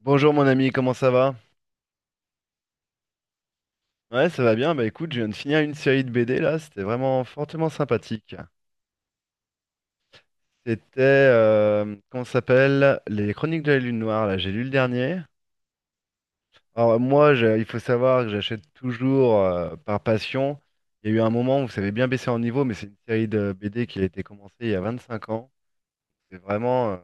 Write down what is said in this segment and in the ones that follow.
Bonjour mon ami, comment ça va? Ouais, ça va bien. Bah écoute, je viens de finir une série de BD là, c'était vraiment fortement sympathique. C'était, comment ça s'appelle? Les Chroniques de la Lune Noire, là, j'ai lu le dernier. Alors moi, il faut savoir que j'achète toujours par passion. Il y a eu un moment où ça avait bien baissé en niveau, mais c'est une série de BD qui a été commencée il y a 25 ans. C'est vraiment,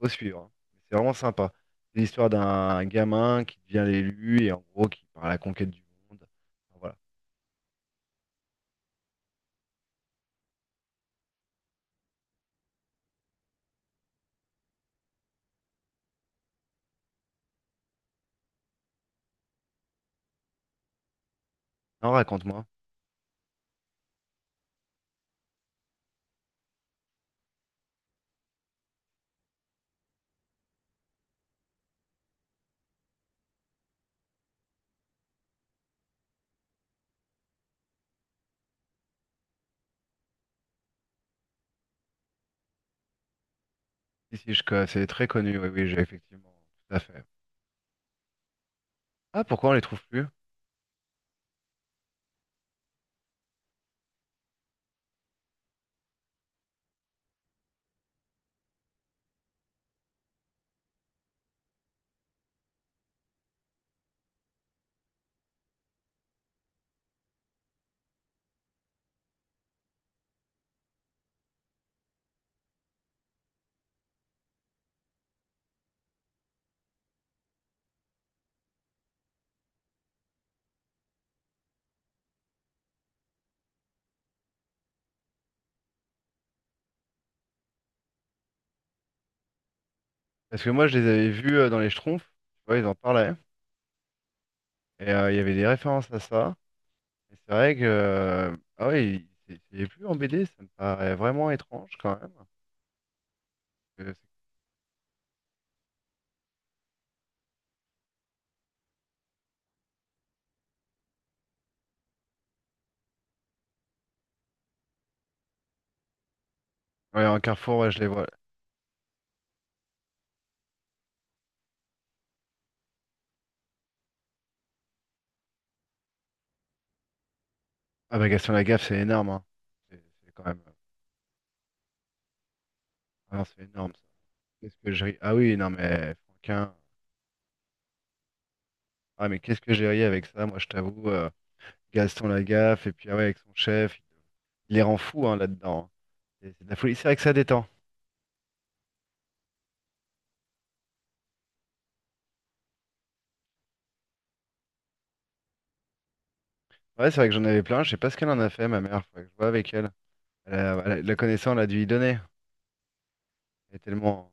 faut suivre, hein. C'est vraiment sympa. C'est l'histoire d'un gamin qui devient l'élu et en gros qui part à la conquête du monde. Enfin, voilà. Non, raconte-moi. Ici, c'est très connu, oui, oui, j'ai effectivement, tout à fait. Ah, pourquoi on les trouve plus? Parce que moi, je les avais vus dans les Schtroumpfs, tu vois, ils en parlaient, et il y avait des références à ça, et c'est vrai que, ah oui, c'est plus en BD, ça me paraît vraiment étrange, quand même. Parce que c'est- Ouais, en Carrefour, ouais, je les vois. Ah bah, Gaston Lagaffe, c'est énorme, hein. C'est quand même, ah non, c'est énorme, ça. Qu'est-ce que j'ai ri. Ah oui, non, mais, Franquin, ah mais qu'est-ce que j'ai ri avec ça, moi, je t'avoue, Gaston Lagaffe, et puis, ah ouais, avec son chef, il les rend fous, hein, là-dedans, hein. C'est de la folie. C'est vrai que ça détend. Ouais, c'est vrai que j'en avais plein. Je sais pas ce qu'elle en a fait, ma mère. Faudrait que je vois avec elle. La connaissance elle a dû y donner. Elle est tellement.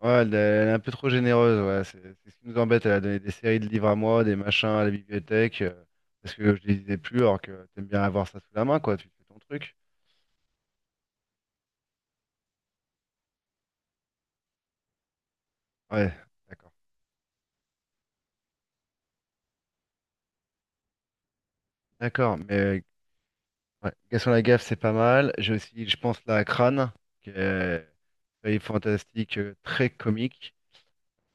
Ouais, elle est un peu trop généreuse. Ouais, c'est ce qui nous embête. Elle a donné des séries de livres à moi, des machins à la bibliothèque, parce que je les lisais plus, alors que t'aimes bien avoir ça sous la main, quoi. Tu fais ton truc. Ouais, d'accord. D'accord. Mais ouais, Gaston Lagaffe, c'est pas mal. J'ai aussi, je pense, là, à Crâne, qui est une série fantastique, très comique.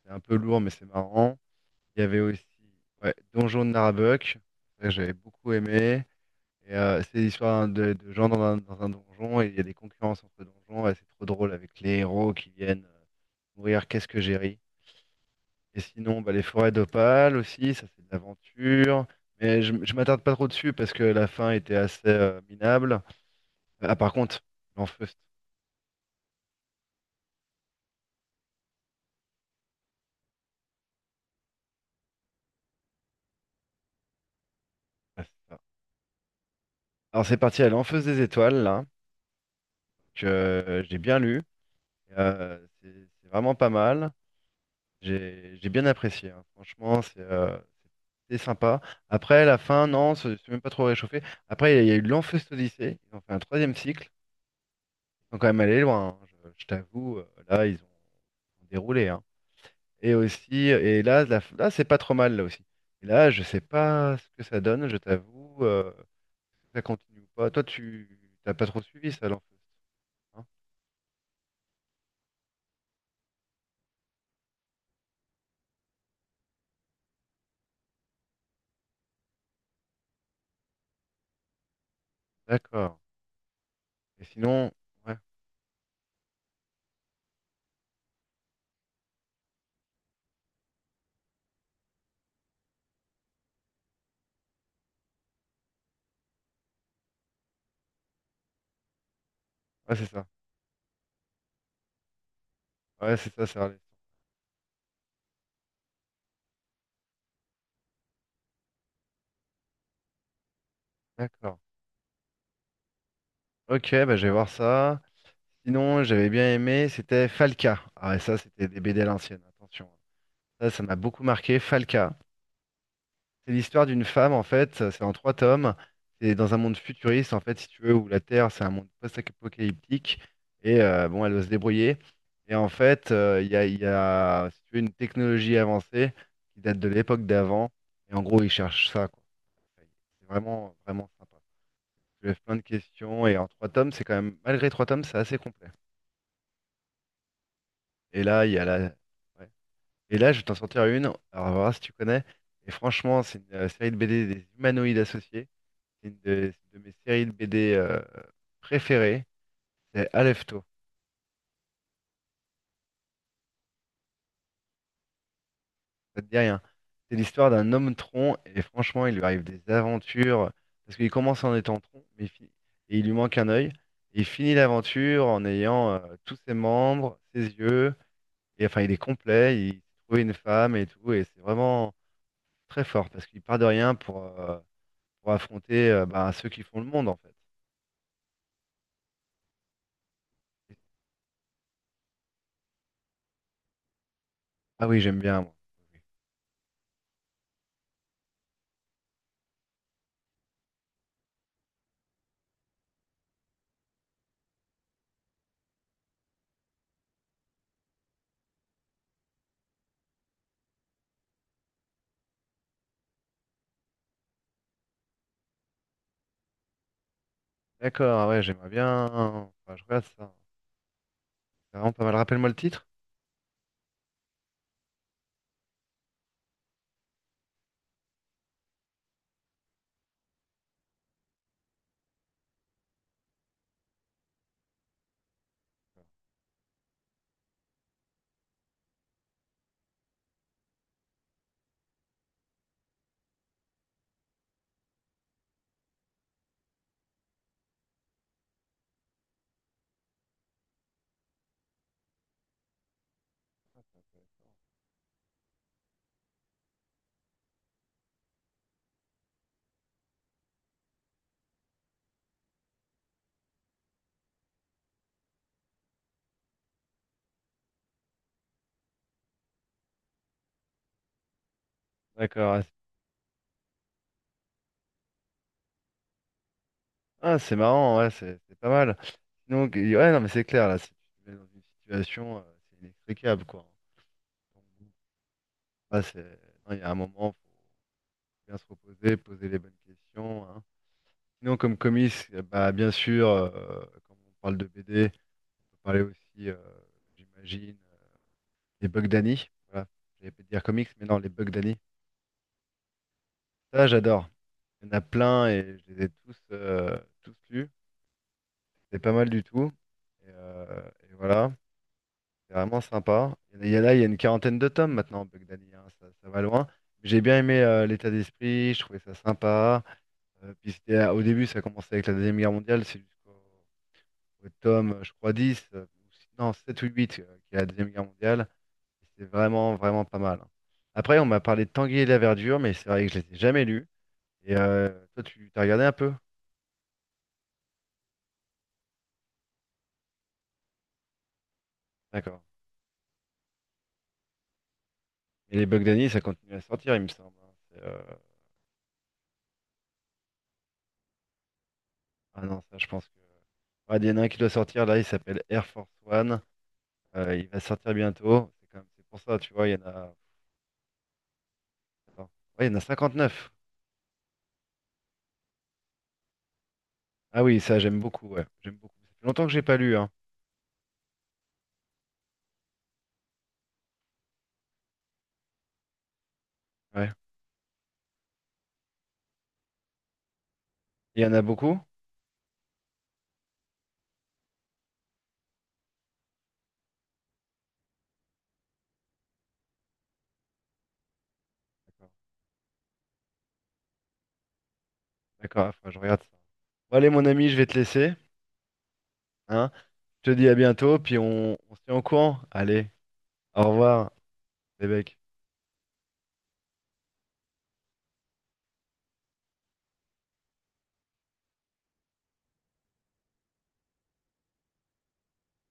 C'est un peu lourd, mais c'est marrant. Il y avait aussi ouais, Donjon de Narabuck, ça, j'avais beaucoup aimé. Et c'est l'histoire de gens dans un donjon et il y a des concurrences entre donjons, et c'est trop drôle avec les héros qui viennent mourir. Qu'est-ce que j'ai ri. Et sinon, bah, les forêts d'Opale aussi, ça c'est de l'aventure. Mais je m'attarde pas trop dessus parce que la fin était assez minable. Ah, par contre, l'Enfeust. Ah, c'est ça. Alors c'est parti à l'Enfeust des étoiles là, que j'ai bien lu. C'est vraiment pas mal. J'ai bien apprécié, hein. Franchement, c'était sympa. Après, la fin, non, c'est même pas trop réchauffé. Après, il y a eu l'Enfeust Odyssée, ils ont fait un troisième cycle, ils sont quand même allés loin, hein. Je t'avoue, là, ils ont déroulé, hein. Et aussi, et là, là, c'est pas trop mal, là aussi. Et là, je sais pas ce que ça donne, je t'avoue, si ça continue ou pas. Toi, tu t'as pas trop suivi ça, l'Enfeust, hein? D'accord. Et sinon, ouais, ouais, c'est ça. Ouais, c'est ça, ça a d'accord. Ok, bah, je vais voir ça. Sinon, j'avais bien aimé, c'était Falca. Ah, et ça, c'était des BD à l'ancienne, attention. Ça m'a beaucoup marqué, Falca. C'est l'histoire d'une femme, en fait, c'est en trois tomes. C'est dans un monde futuriste, en fait, si tu veux, où la Terre, c'est un monde post-apocalyptique. Et bon, elle doit se débrouiller. Et en fait, il y a, si tu veux, une technologie avancée qui date de l'époque d'avant. Et en gros, ils cherchent ça, quoi. C'est vraiment, vraiment sympa. Tu lèves plein de questions. Et en trois tomes, c'est quand même, malgré trois tomes, c'est assez complet. Et là, il y a la... ouais. Et là, je vais t'en sortir une, alors on verra si tu connais. Et franchement, c'est une série de BD des humanoïdes associés. C'est une de mes séries de BD préférées. C'est Alefto. Ça te dit rien. C'est l'histoire d'un homme tronc et franchement, il lui arrive des aventures parce qu'il commence en étant tronc, et il lui manque un œil. Et il finit l'aventure en ayant tous ses membres, ses yeux. Et enfin, il est complet. Il trouve une femme et tout. Et c'est vraiment très fort parce qu'il part de rien pour, pour affronter bah, ceux qui font le monde en fait. Ah oui, j'aime bien moi. Oui. D'accord, ah ouais, j'aimerais bien. Enfin, je regarde ça. C'est vraiment pas mal. Rappelle-moi le titre. D'accord, ouais. Ah, c'est marrant, ouais, c'est pas mal. Donc, ouais, non, mais c'est clair, là, si tu te mets dans une situation, c'est inextricable, quoi. Donc, là, c'est, non, il y a un moment, faut bien se reposer, poser les bonnes questions, hein. Sinon, comme comics, bah, bien sûr, quand on parle de BD, on peut parler aussi, j'imagine. Les Bugdani, voilà. J'allais pas dire comics, mais non, les Bugdani. Ça, j'adore. Il y en a plein et je les ai tous, tous lus. C'est pas mal du tout. Et, euh, et voilà, c'est vraiment sympa. Il y a là, il y a une 40aine de tomes maintenant, Bugdani, hein, ça va loin. J'ai bien aimé l'état d'esprit, je trouvais ça sympa. Puis c'était, au début, ça commençait avec la Deuxième Guerre mondiale, c'est jusqu'au au tome, je crois, 10. Ou si- Non, 7 ou 8 qui est la Deuxième Guerre mondiale. C'est vraiment, vraiment pas mal. Après, on m'a parlé de Tanguy et la Verdure, mais c'est vrai que je ne les ai jamais lus. Et toi, tu t'as regardé un peu? D'accord. Et les Bugdani, ça continue à sortir, il me semble, hein. C'est, ah non, ça, je pense que. Ouais, il y en a un qui doit sortir, là, il s'appelle Air Force One. Il va sortir bientôt. C'est pour ça, tu vois, il y en a. Attends. Ouais, il y en a 59. Ah oui, ça, j'aime beaucoup, ouais. J'aime beaucoup. Ça fait longtemps que j'ai pas lu, hein. Ouais. Il y en a beaucoup? D'accord, d'accord, ah, faudra que je regarde ça. Bon, allez, mon ami, je vais te laisser. Hein. Je te dis à bientôt, puis on se tient au courant. Allez, au revoir, les mecs.